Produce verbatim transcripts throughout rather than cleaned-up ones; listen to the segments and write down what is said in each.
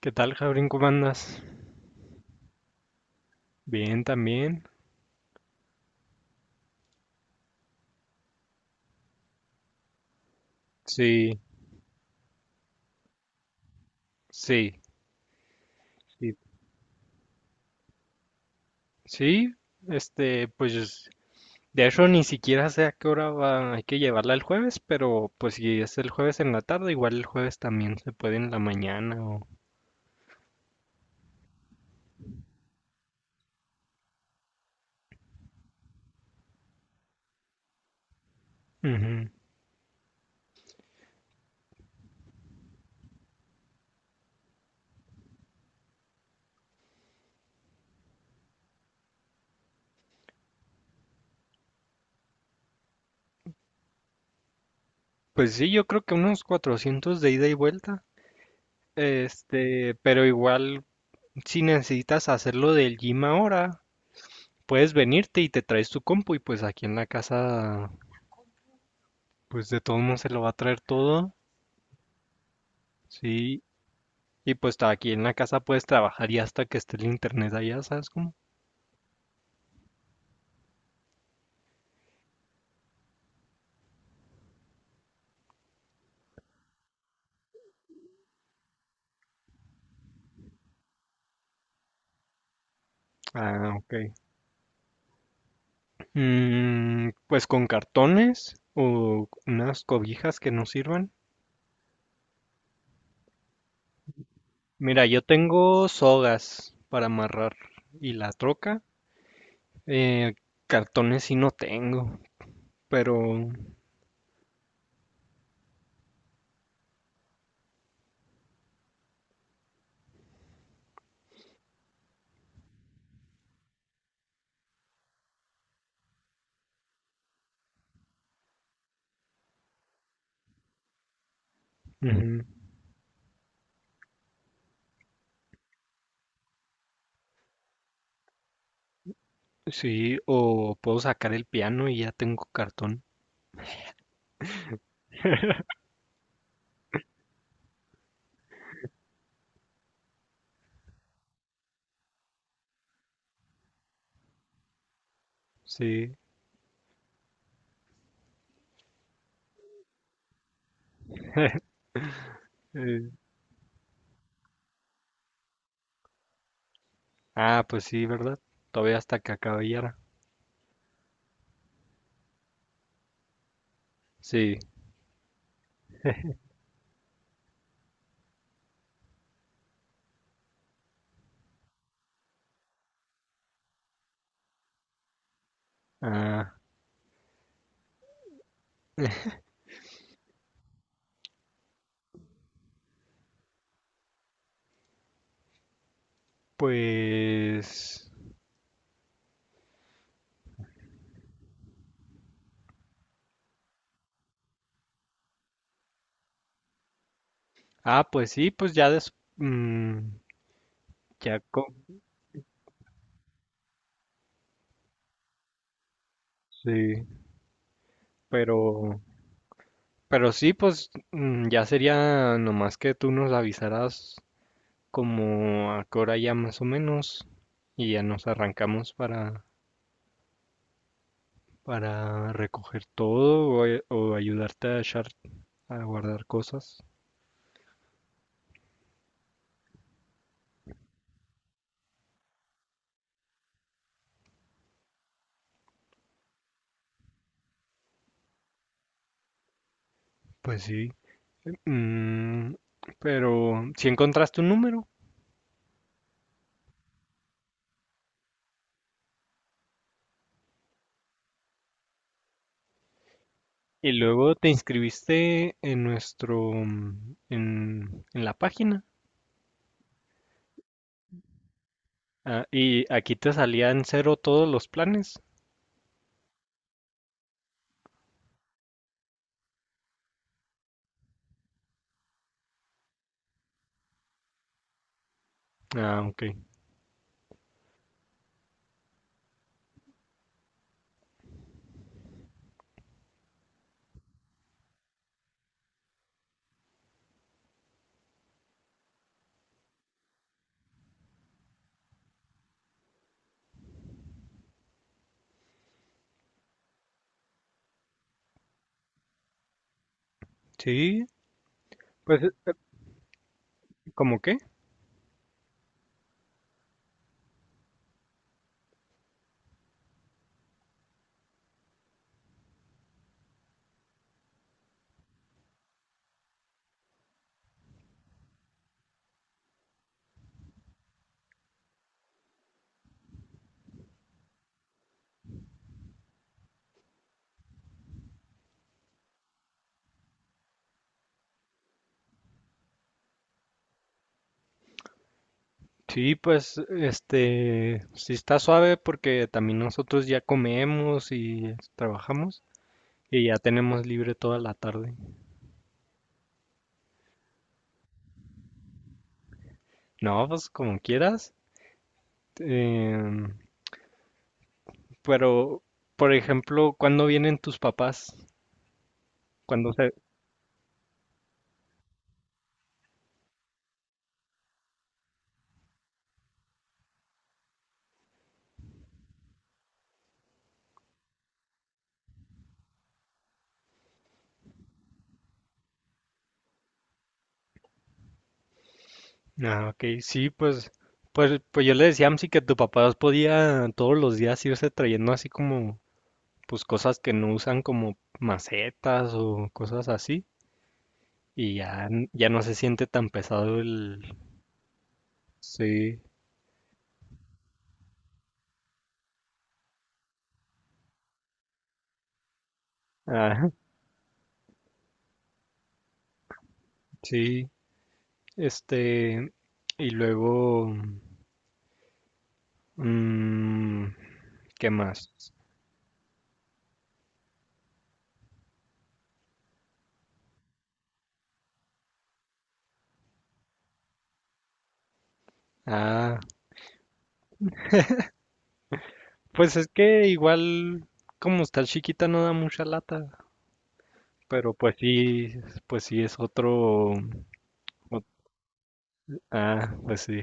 ¿Qué tal, Jabrín? ¿Cómo andas? Bien, también. Sí, sí, sí, sí. Este, pues, de hecho, ni siquiera sé a qué hora va, hay que llevarla el jueves, pero pues si es el jueves en la tarde, igual el jueves también se puede en la mañana o. Ujú. Pues sí, yo creo que unos cuatrocientos de ida y vuelta. Este, pero igual, si necesitas hacerlo del gym ahora, puedes venirte y te traes tu compu y pues aquí en la casa, pues de todos modos se lo va a traer todo. Sí, y pues está aquí en la casa puedes trabajar y hasta que esté el internet allá, ¿sabes cómo? Ah, ok. Mm, pues con cartones o unas cobijas que no sirvan. Mira, yo tengo sogas para amarrar y la troca. Eh, cartones sí no tengo, pero ujú, sí, o puedo sacar el piano y ya tengo cartón. Sí. eh, ah, pues sí, ¿verdad? Todavía hasta que acabe ya. Sí. Ah, pues, ah, pues sí, pues ya des, mm, ya co- sí, pero, pero sí, pues mm, ya sería nomás que tú nos avisaras como a qué hora ya más o menos y ya nos arrancamos para, para recoger todo o, ay- o ayudarte a echar, a guardar cosas. Pues sí, mm, pero si encontraste un número. Y luego te inscribiste en nuestro, mm, en, en la página. Ah, y aquí te salían cero todos los planes. Ah, ok. Sí, pues, ¿cómo qué? Sí, pues, este, sí está suave porque también nosotros ya comemos y es- trabajamos y ya tenemos libre toda la tarde. No, pues como quieras. Em, pero, por ejemplo, ¿cuándo vienen tus papás? ¿Cuándo Ah, ok, sí, pues, pues, pues yo le decía a Amsi que tu papá podía todos los días irse trayendo así como, pues cosas que no usan como macetas o cosas así, y ya, n- ya no se siente tan pesado el. Sí, ah, sí, este, y luego, mm, ¿qué más? Ah, pues es que igual, como está chiquita no da mucha lata, pero pues sí, pues sí es otro. No- Ah, pues sí.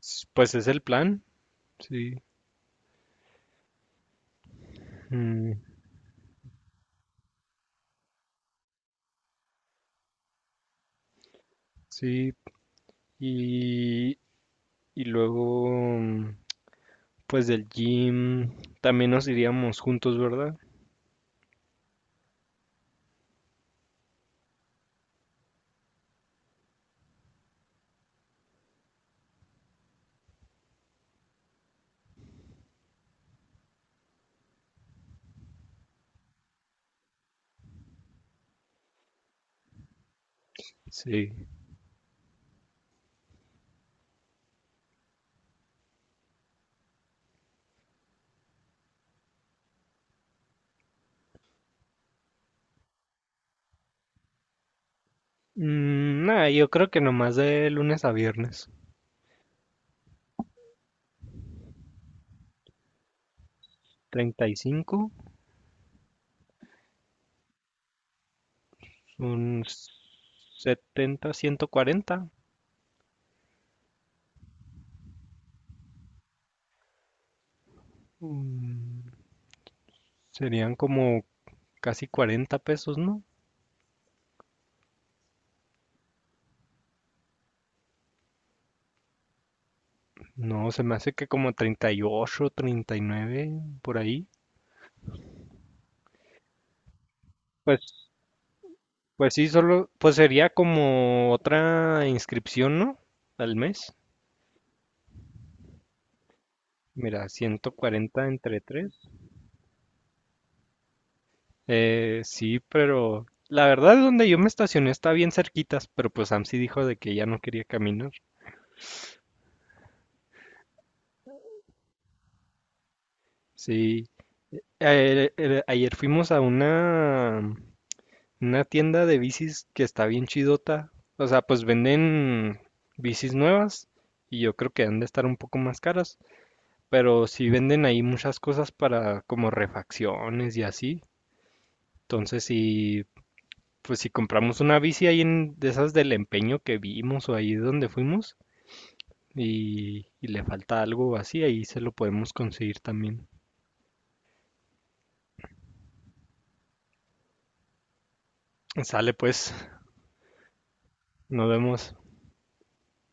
S- Pues es el plan, sí. Mm, sí, y, y luego, mm, pues del gym también nos iríamos juntos, ¿verdad? Sí. Mm, nada, yo creo que nomás de lunes a viernes. Treinta y cinco un setenta, ciento cuarenta. mm, Serían como casi cuarenta pesos, ¿no? No, se me hace que como treinta, treinta y ocho, treinta y nueve por ahí. Pues Pues sí, solo, pues sería como otra inscripción, ¿no? Al mes. Mira, ciento cuarenta entre tres. Eh, sí, pero la verdad donde yo me estacioné está bien cerquitas, pero pues Sam sí dijo de que ya no quería caminar. Sí. Ayer, eh, ayer fuimos a una, una tienda de bicis que está bien chidota. O sea, pues venden bicis nuevas y yo creo que han de estar un poco más caras. Pero sí venden ahí muchas cosas para como refacciones y así. Entonces, si, pues si compramos una bici ahí en, de esas del empeño que vimos o ahí donde fuimos y, y le falta algo así, ahí se lo podemos conseguir también. Sale pues, nos vemos.